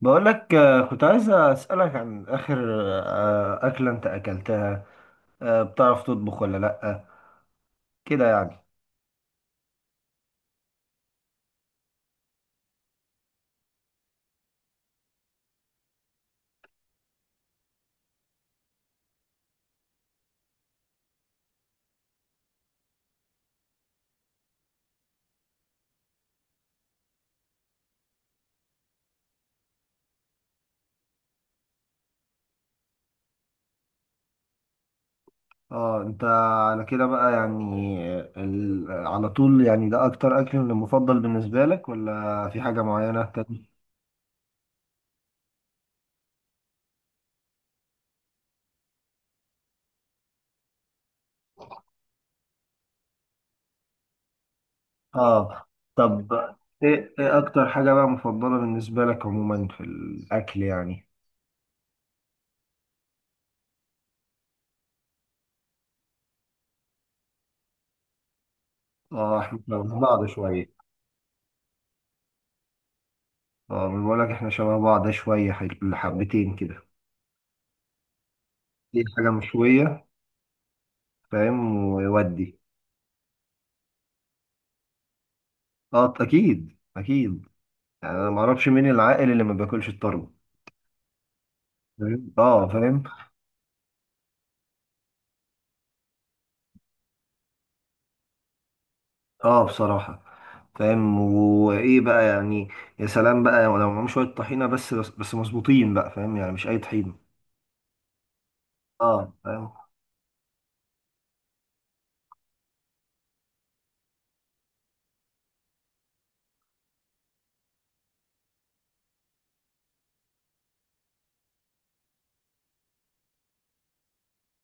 بقول لك، كنت عايز أسألك عن آخر أكلة أنت أكلتها. بتعرف تطبخ ولا لأ؟ كده يعني. اه، انت على كده بقى يعني على طول، يعني ده أكتر أكل مفضل بالنسبة لك، ولا في حاجة معينة تاني؟ اه. طب، إيه أكتر حاجة بقى مفضلة بالنسبة لك عموما في الأكل يعني؟ اه، احنا شبه بعض شوية. اه، ما بقول لك احنا شبه بعض شوية حبتين كده. دي حاجة مشوية، فاهم، ويودي. اه، اكيد اكيد، يعني انا ما اعرفش مين العاقل اللي ما بياكلش الطرب، فاهم؟ اه، فاهم. اه، بصراحة، فاهم، وايه بقى يعني؟ يا سلام بقى لو معاهم شوية طحينة، بس مظبوطين بقى، فاهم، يعني مش اي طحينة. اه، فاهم.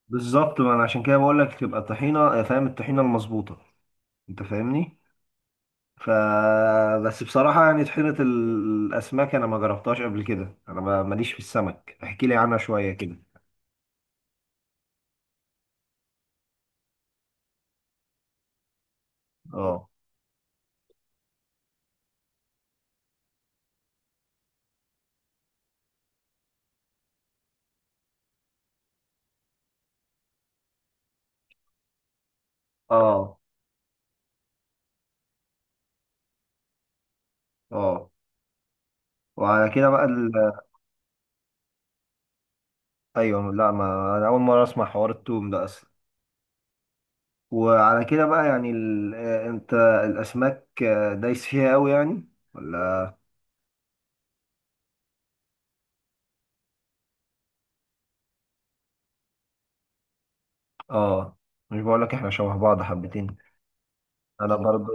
بالظبط، ما انا عشان كده بقول لك تبقى طحينة، فاهم، الطحينة المظبوطة. انت فاهمني. ف بس بصراحة، يعني طحينة الاسماك انا ما جربتهاش قبل كده، انا ماليش في السمك، احكي لي عنها شوية كده. اه. اه. اه. وعلى كده بقى. ايوه، لا ما انا اول مره اسمع حوار التوم ده اصلا. وعلى كده بقى يعني ال... آه، انت الاسماك، دايس فيها قوي يعني، ولا؟ اه، مش بقول لك احنا شبه بعض حبتين. انا برضو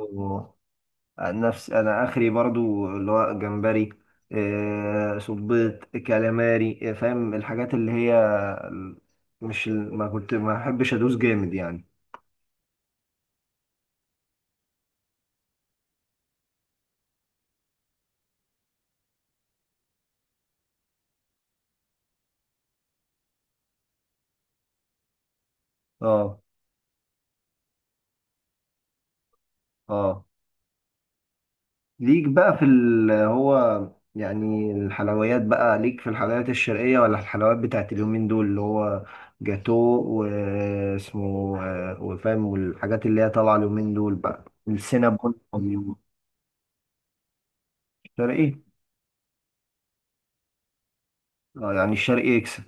نفس. انا اخري برضو اللي هو جمبري، صبيط، كالاماري، فاهم، الحاجات اللي هي ال- مش ما كنت ما احبش ادوس جامد يعني. اه. اه. ليك بقى في ال هو، يعني الحلويات، بقى ليك في الحلويات الشرقية ولا الحلويات بتاعت اليومين دول اللي هو جاتو واسمه وفاهم، والحاجات اللي هي طالعة اليومين دول بقى السينابون. الشرقي. اه، يعني الشرقي يكسب.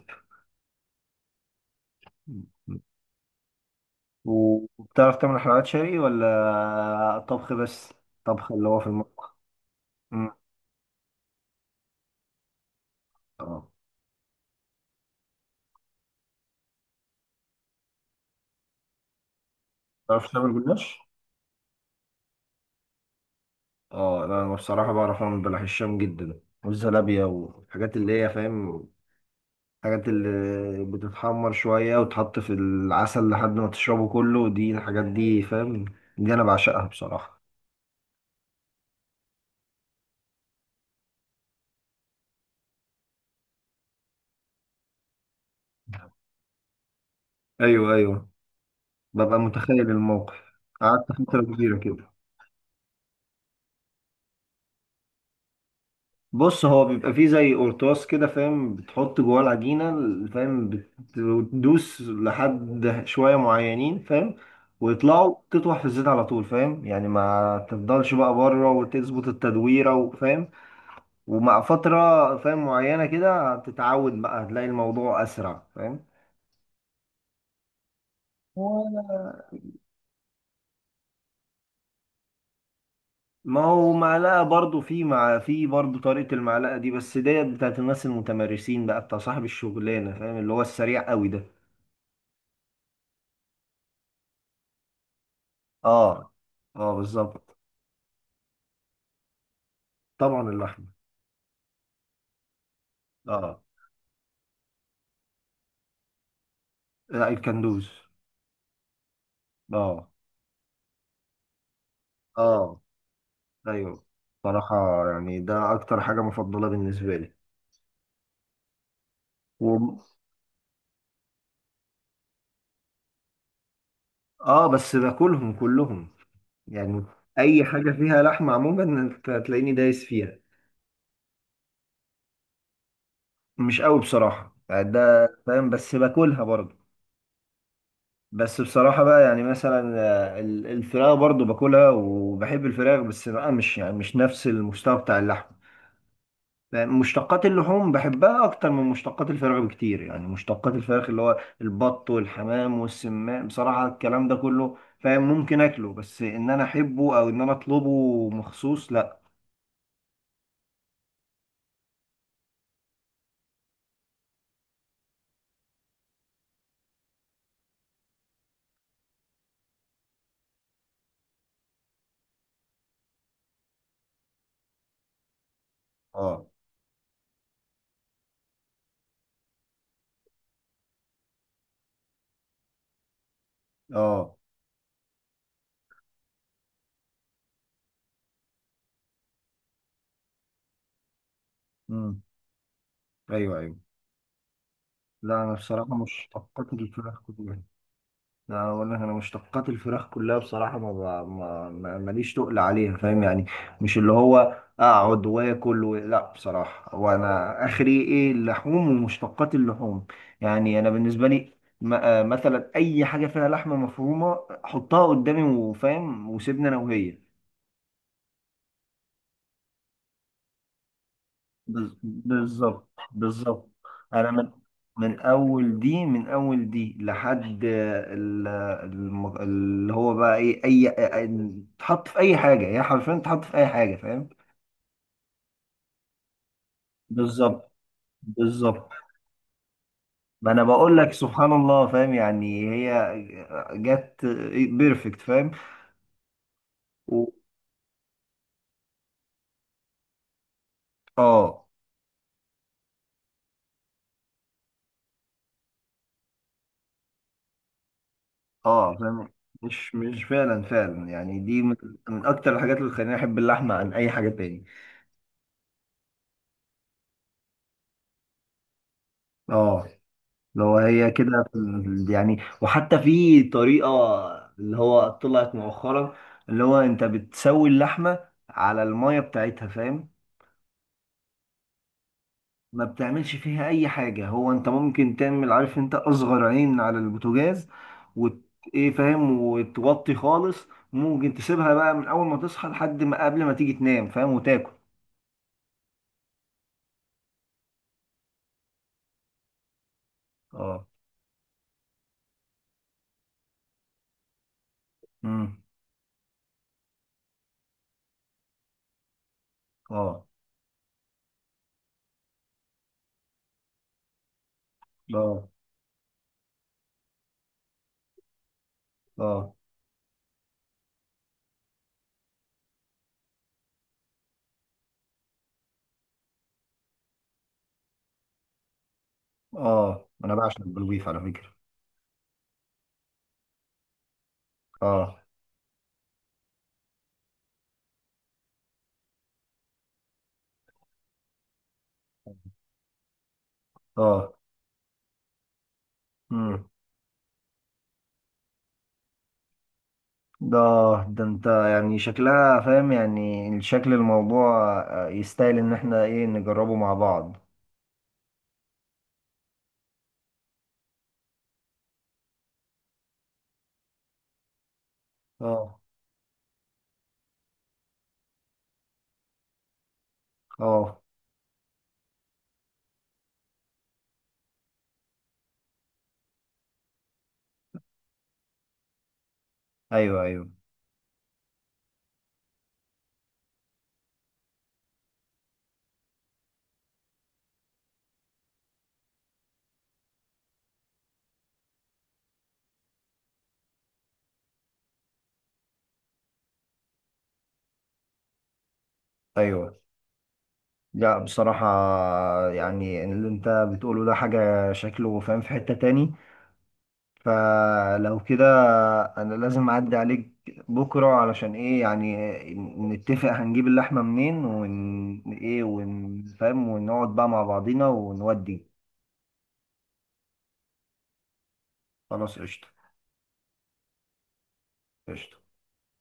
وبتعرف تعمل حلويات شرقي ولا طبخ بس؟ طبخ اللي هو في المطبخ. مم. اه، بتعرف تعمل جلاش؟ اه، لا انا بصراحة بعرف اعمل بلح الشام جدا، والزلابية والحاجات اللي هي، فاهم، الحاجات اللي بتتحمر شوية وتحط في العسل لحد ما تشربه كله، دي الحاجات دي، فاهم، دي أنا بعشقها بصراحة. أيوه أيوه، ببقى متخيل الموقف، قعدت فترة كبيرة كده. بص هو بيبقى فيه زي قرطاس كده، فاهم، بتحط جواه العجينة، فاهم، بتدوس لحد شوية معينين، فاهم، ويطلعوا تطوح في الزيت على طول، فاهم يعني، ما تفضلش بقى بره وتظبط التدويرة، وفاهم. ومع فترة، فاهم، معينة كده هتتعود بقى، هتلاقي الموضوع أسرع، فاهم. هو ما هو معلقة برضو، في مع في برضو طريقة المعلقة دي، بس ديت بتاعت الناس المتمرسين بقى، بتاع صاحب الشغلانة، فاهم، اللي هو السريع قوي ده. اه. اه، بالظبط. طبعا اللحمة. اه. لا، الكندوز. اه. اه. ايوه. بصراحة، يعني ده اكتر حاجة مفضلة بالنسبة لي. و... اه، بس باكلهم كلهم يعني، اي حاجه فيها لحمه عموما انت هتلاقيني دايس فيها. مش قوي بصراحه، يعني ده فاهم، بس باكلها برضه. بس بصراحه بقى يعني مثلا، الفراخ برضه باكلها وبحب الفراخ، بس بقى مش يعني مش نفس المستوى بتاع اللحم. يعني مشتقات اللحوم بحبها اكتر من مشتقات الفراخ بكتير، يعني مشتقات الفراخ اللي هو البط والحمام والسماء بصراحه الكلام ده كله، فاهم، ممكن اكله، بس ان انا احبه او ان انا اطلبه مخصوص لا. اه. اه. امم. ايوه ايوه. لا انا بصراحه مشتقات الفراخ كلها. لا اقول لك، انا مشتقات الفراخ كلها بصراحه ما ب- ما ما- ماليش تقل عليها، فاهم يعني، مش اللي هو اقعد واكل لا، بصراحه، وانا اخري ايه اللحوم ومشتقات اللحوم. يعني انا بالنسبه لي، مثلا اي حاجه فيها لحمه مفرومه، حطها قدامي وفاهم وسيبني انا وهي. بالظبط بالظبط. انا من اول دي لحد اللي هو بقى ايه اي أي- تحط في اي حاجه، يعني حرفيا تحط في اي حاجه، فاهم. بالظبط بالظبط، ما انا بقول لك سبحان الله، فاهم، يعني هي جت بيرفكت، فاهم. و... اه. اه، فاهم. مش فعلا فعلا يعني، دي من اكتر الحاجات اللي خلاني احب اللحمه عن اي حاجه تاني. اه، لو هي كده يعني، وحتى في طريقة اللي هو طلعت مؤخرا، اللي هو انت بتسوي اللحمة على المية بتاعتها، فاهم، ما بتعملش فيها اي حاجة، هو انت ممكن تعمل، عارف، انت اصغر عين على البوتاجاز وت... ايه، فاهم، وتوطي خالص، ممكن تسيبها بقى من اول ما تصحى لحد ما قبل ما تيجي تنام، فاهم، وتاكل. اه. امم. اه. اه. اه. اه، انا بعشق البلوبيف على فكرة. اه. اه. ده ده انت يعني شكلها، فاهم، يعني الشكل الموضوع يستاهل ان احنا ايه نجربه مع بعض. اه. اه. ايوه ايوه ايوه. لا بصراحة، يعني اللي انت بتقوله ده حاجة شكله، فاهم، في حتة تاني، فلو كده انا لازم اعدي عليك بكرة، علشان ايه يعني، نتفق هنجيب اللحمة منين ون ايه ونفهم، ونقعد بقى مع بعضينا ونودي. خلاص قشطة. قشطة.